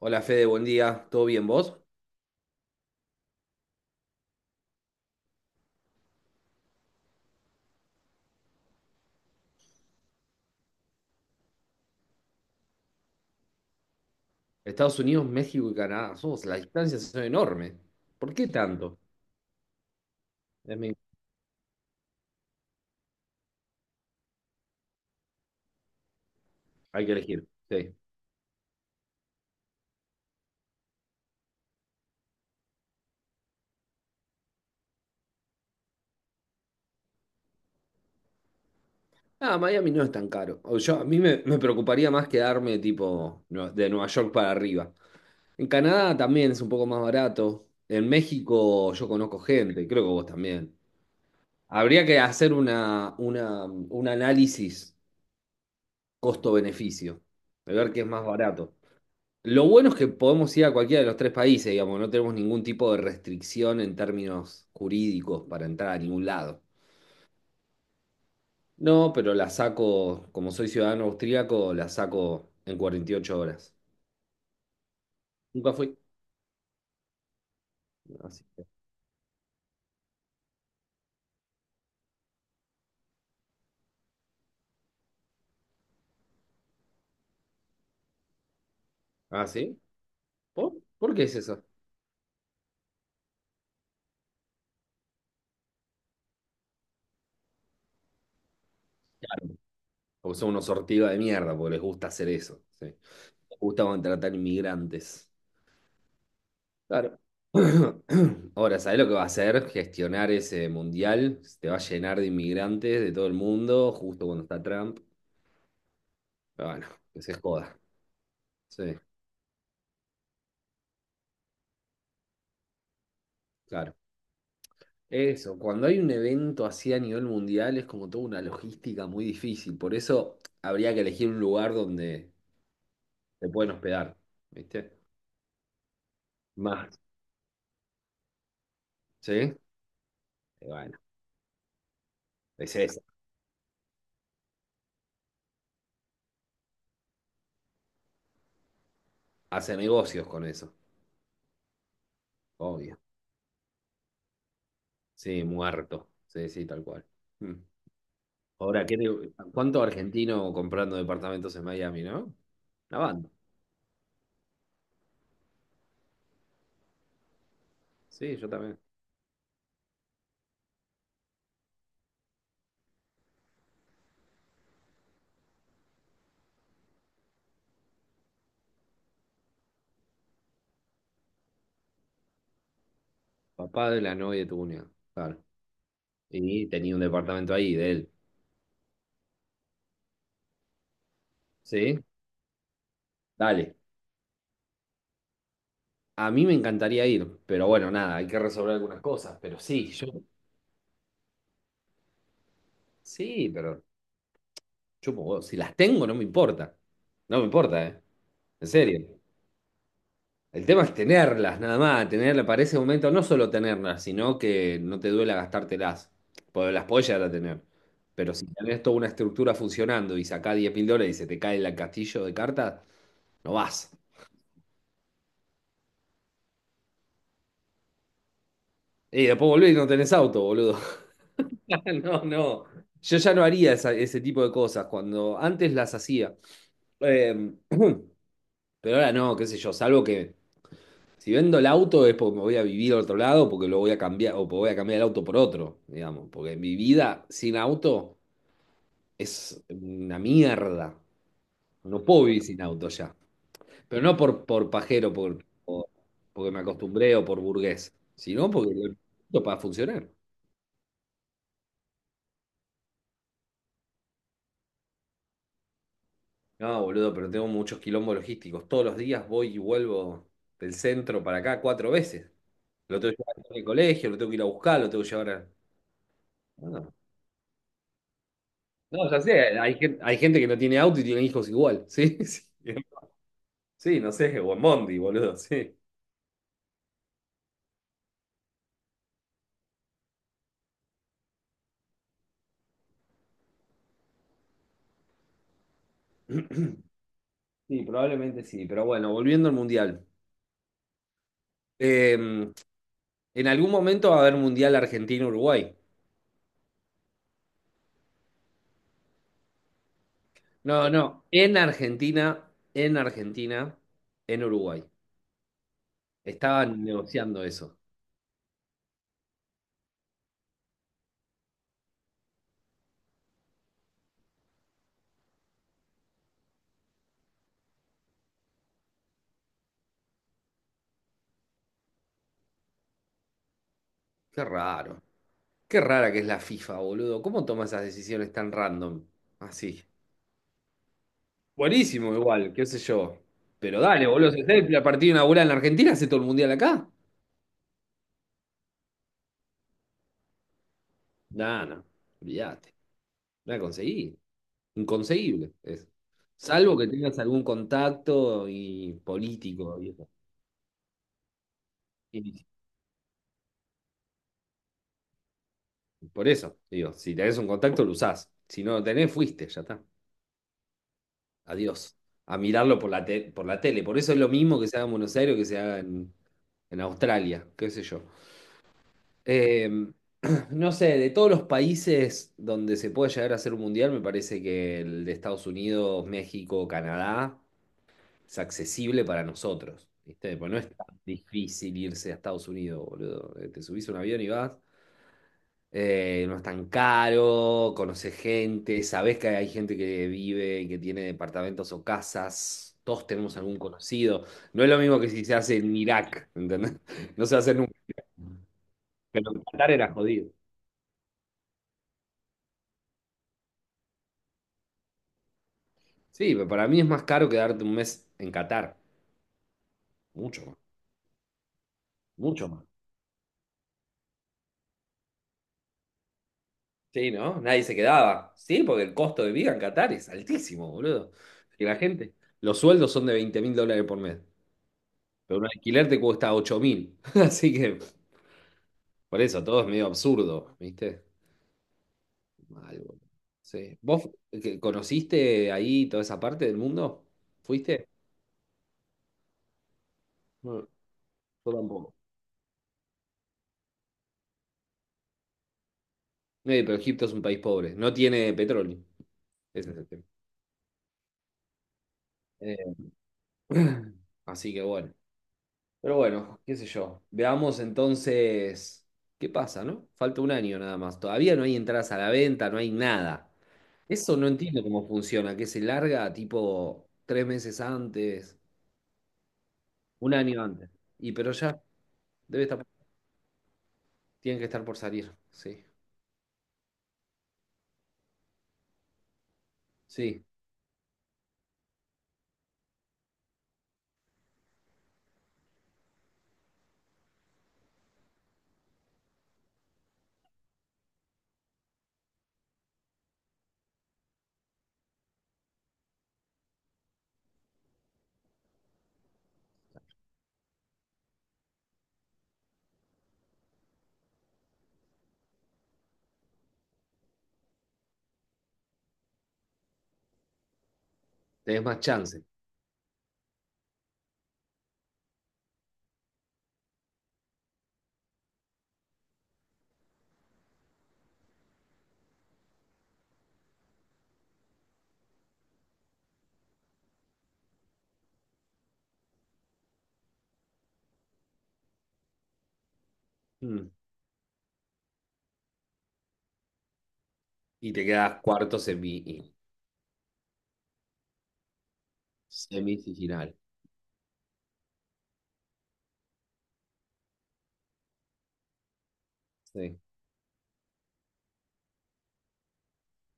Hola Fede, buen día. ¿Todo bien vos? Estados Unidos, México y Canadá. Las distancias son enormes. ¿Por qué tanto? Es mi- Hay que elegir. Sí. Ah, Miami no es tan caro. A mí me preocuparía más quedarme tipo de Nueva York para arriba. En Canadá también es un poco más barato. En México yo conozco gente, creo que vos también. Habría que hacer un análisis costo-beneficio, de ver qué es más barato. Lo bueno es que podemos ir a cualquiera de los tres países, digamos, no tenemos ningún tipo de restricción en términos jurídicos para entrar a ningún lado. No, pero la saco, como soy ciudadano austríaco, la saco en 48 horas. Nunca fui. Así que- ¿Ah, sí? ¿Por? ¿Por qué es eso? Claro, porque son unos sortidos de mierda, porque les gusta hacer eso. ¿Sí? Les gusta contratar inmigrantes. Claro. Ahora, ¿sabés lo que va a hacer? Gestionar ese mundial. Se te va a llenar de inmigrantes de todo el mundo, justo cuando está Trump. Bueno, que se joda. Sí, claro. Eso, cuando hay un evento así a nivel mundial es como toda una logística muy difícil. Por eso habría que elegir un lugar donde se pueden hospedar, ¿viste? Más, ¿sí? Y bueno, es eso. Hace negocios con eso, obvio. Sí, muerto. Sí, sí, tal cual. Mm. Ahora, ¿cuánto argentino comprando departamentos en Miami, no? La banda. Sí, yo también. Papá de la novia de tu cuñado. Claro. Y tenía un departamento ahí de él. ¿Sí? Dale, a mí me encantaría ir, pero bueno, nada, hay que resolver algunas cosas, pero sí, yo, sí, pero chupo huevo, si las tengo no me importa, no me importa, ¿eh? En serio. El tema es tenerlas, nada más, tenerlas para ese momento, no solo tenerlas, sino que no te duela gastártelas, porque las podés llegar a tener. Pero si tenés toda una estructura funcionando y sacás 10.000 dólares y se te cae el castillo de cartas, no vas. Y después volvés y no tenés auto, boludo. No, no. Yo ya no haría ese tipo de cosas cuando antes las hacía. Eh, pero ahora no, qué sé yo, salvo que si vendo el auto es porque me voy a vivir a otro lado, porque lo voy a cambiar, o porque voy a cambiar el auto por otro, digamos, porque mi vida sin auto es una mierda. No puedo vivir sin auto ya. Pero no por pajero, porque me acostumbré o por burgués, sino porque lo necesito para funcionar. No, boludo, pero tengo muchos quilombos logísticos. Todos los días voy y vuelvo del centro para acá cuatro veces. Lo tengo que llevar al colegio, lo tengo que ir a buscar, lo tengo que llevar a... Bueno, no, ya sé, hay gente que no tiene auto y tiene hijos igual, ¿sí? Sí, sí, no sé, o en Bondi, boludo, sí. Sí, probablemente sí, pero bueno, volviendo al Mundial. Eh, en algún momento va a haber Mundial Argentina-Uruguay. No, no, en Argentina, en Argentina, en Uruguay. Estaban negociando eso. Qué raro. Qué rara que es la FIFA, boludo. ¿Cómo toma esas decisiones tan random? Así. Buenísimo, igual, qué sé yo. Pero dale, boludo. Si hace el partido inaugural en la Argentina, hace todo el mundial acá. No, no. Olvídate. No la conseguí. Inconseguible es. Salvo que tengas algún contacto y político. Y eso. Y por eso, digo, si tenés un contacto, lo usás. Si no lo tenés, fuiste, ya está. Adiós. A mirarlo por la, por la tele. Por eso es lo mismo que se haga en Buenos Aires o que se haga en Australia, qué sé yo. Eh, no sé, de todos los países donde se puede llegar a hacer un mundial, me parece que el de Estados Unidos, México, Canadá es accesible para nosotros, ¿viste? Pues no es tan difícil irse a Estados Unidos, boludo. Te subís a un avión y vas. No es tan caro, conoces gente, sabés que hay gente que vive y que tiene departamentos o casas. Todos tenemos algún conocido. No es lo mismo que si se hace en Irak, ¿entendés? No se hace nunca. Pero en Qatar era jodido. Sí, pero para mí es más caro quedarte un mes en Qatar. Mucho más. Mucho más. Sí, ¿no? Nadie se quedaba. Sí, porque el costo de vida en Qatar es altísimo, boludo. Y la gente, los sueldos son de 20.000 dólares por mes, pero un alquiler te cuesta 8.000. Así que, por eso, todo es medio absurdo, ¿viste? Mal, boludo. Sí. ¿Vos conociste ahí toda esa parte del mundo? ¿Fuiste? No, yo tampoco. Pero Egipto es un país pobre, no tiene petróleo. Ese es el tema. Eh, así que bueno. Pero bueno, qué sé yo. Veamos entonces qué pasa, ¿no? Falta un año nada más. Todavía no hay entradas a la venta, no hay nada. Eso no entiendo cómo funciona, que se larga tipo 3 meses antes, un año antes. Y pero ya debe estar, tienen que estar por salir. Sí, sí, tenés más chance. Mm. Y te quedas cuarto semi, semifinal. Sí.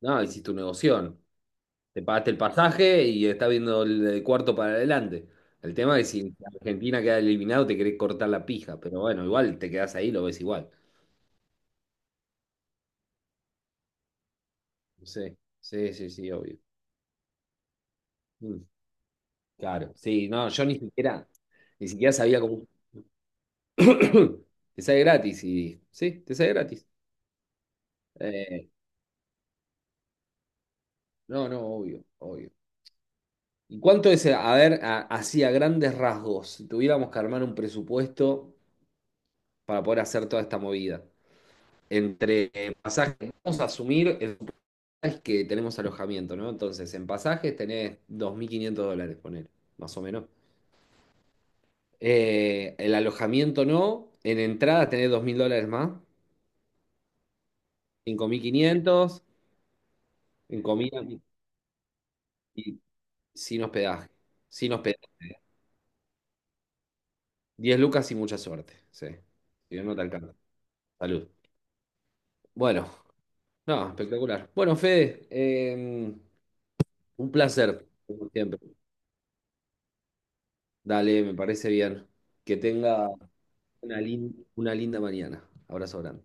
No, hiciste tu negocio. Te pagaste el pasaje y estás viendo el cuarto para adelante. El tema es si Argentina queda eliminado, te querés cortar la pija, pero bueno, igual te quedás ahí, lo ves igual. Sí, sí, sí, sí, obvio. Mm, claro, sí, no, yo ni siquiera, ni siquiera sabía cómo. Te sale gratis y. Sí, te sale gratis. Eh, no, no, obvio, obvio. ¿Y cuánto es, a ver, así a grandes rasgos, si tuviéramos que armar un presupuesto para poder hacer toda esta movida? Entre pasajes, vamos a asumir el es que tenemos alojamiento, ¿no? Entonces, en pasajes tenés 2.500 dólares, poner, más o menos. El alojamiento no, en entrada tenés 2.000 dólares más, 5.500 en comida y sin hospedaje, sin hospedaje. 10 lucas y mucha suerte, sí. Si no, no te alcanza. Salud. Bueno, no, espectacular. Bueno, Fede, un placer, como siempre. Dale, me parece bien. Que tenga una linda mañana. Abrazo grande.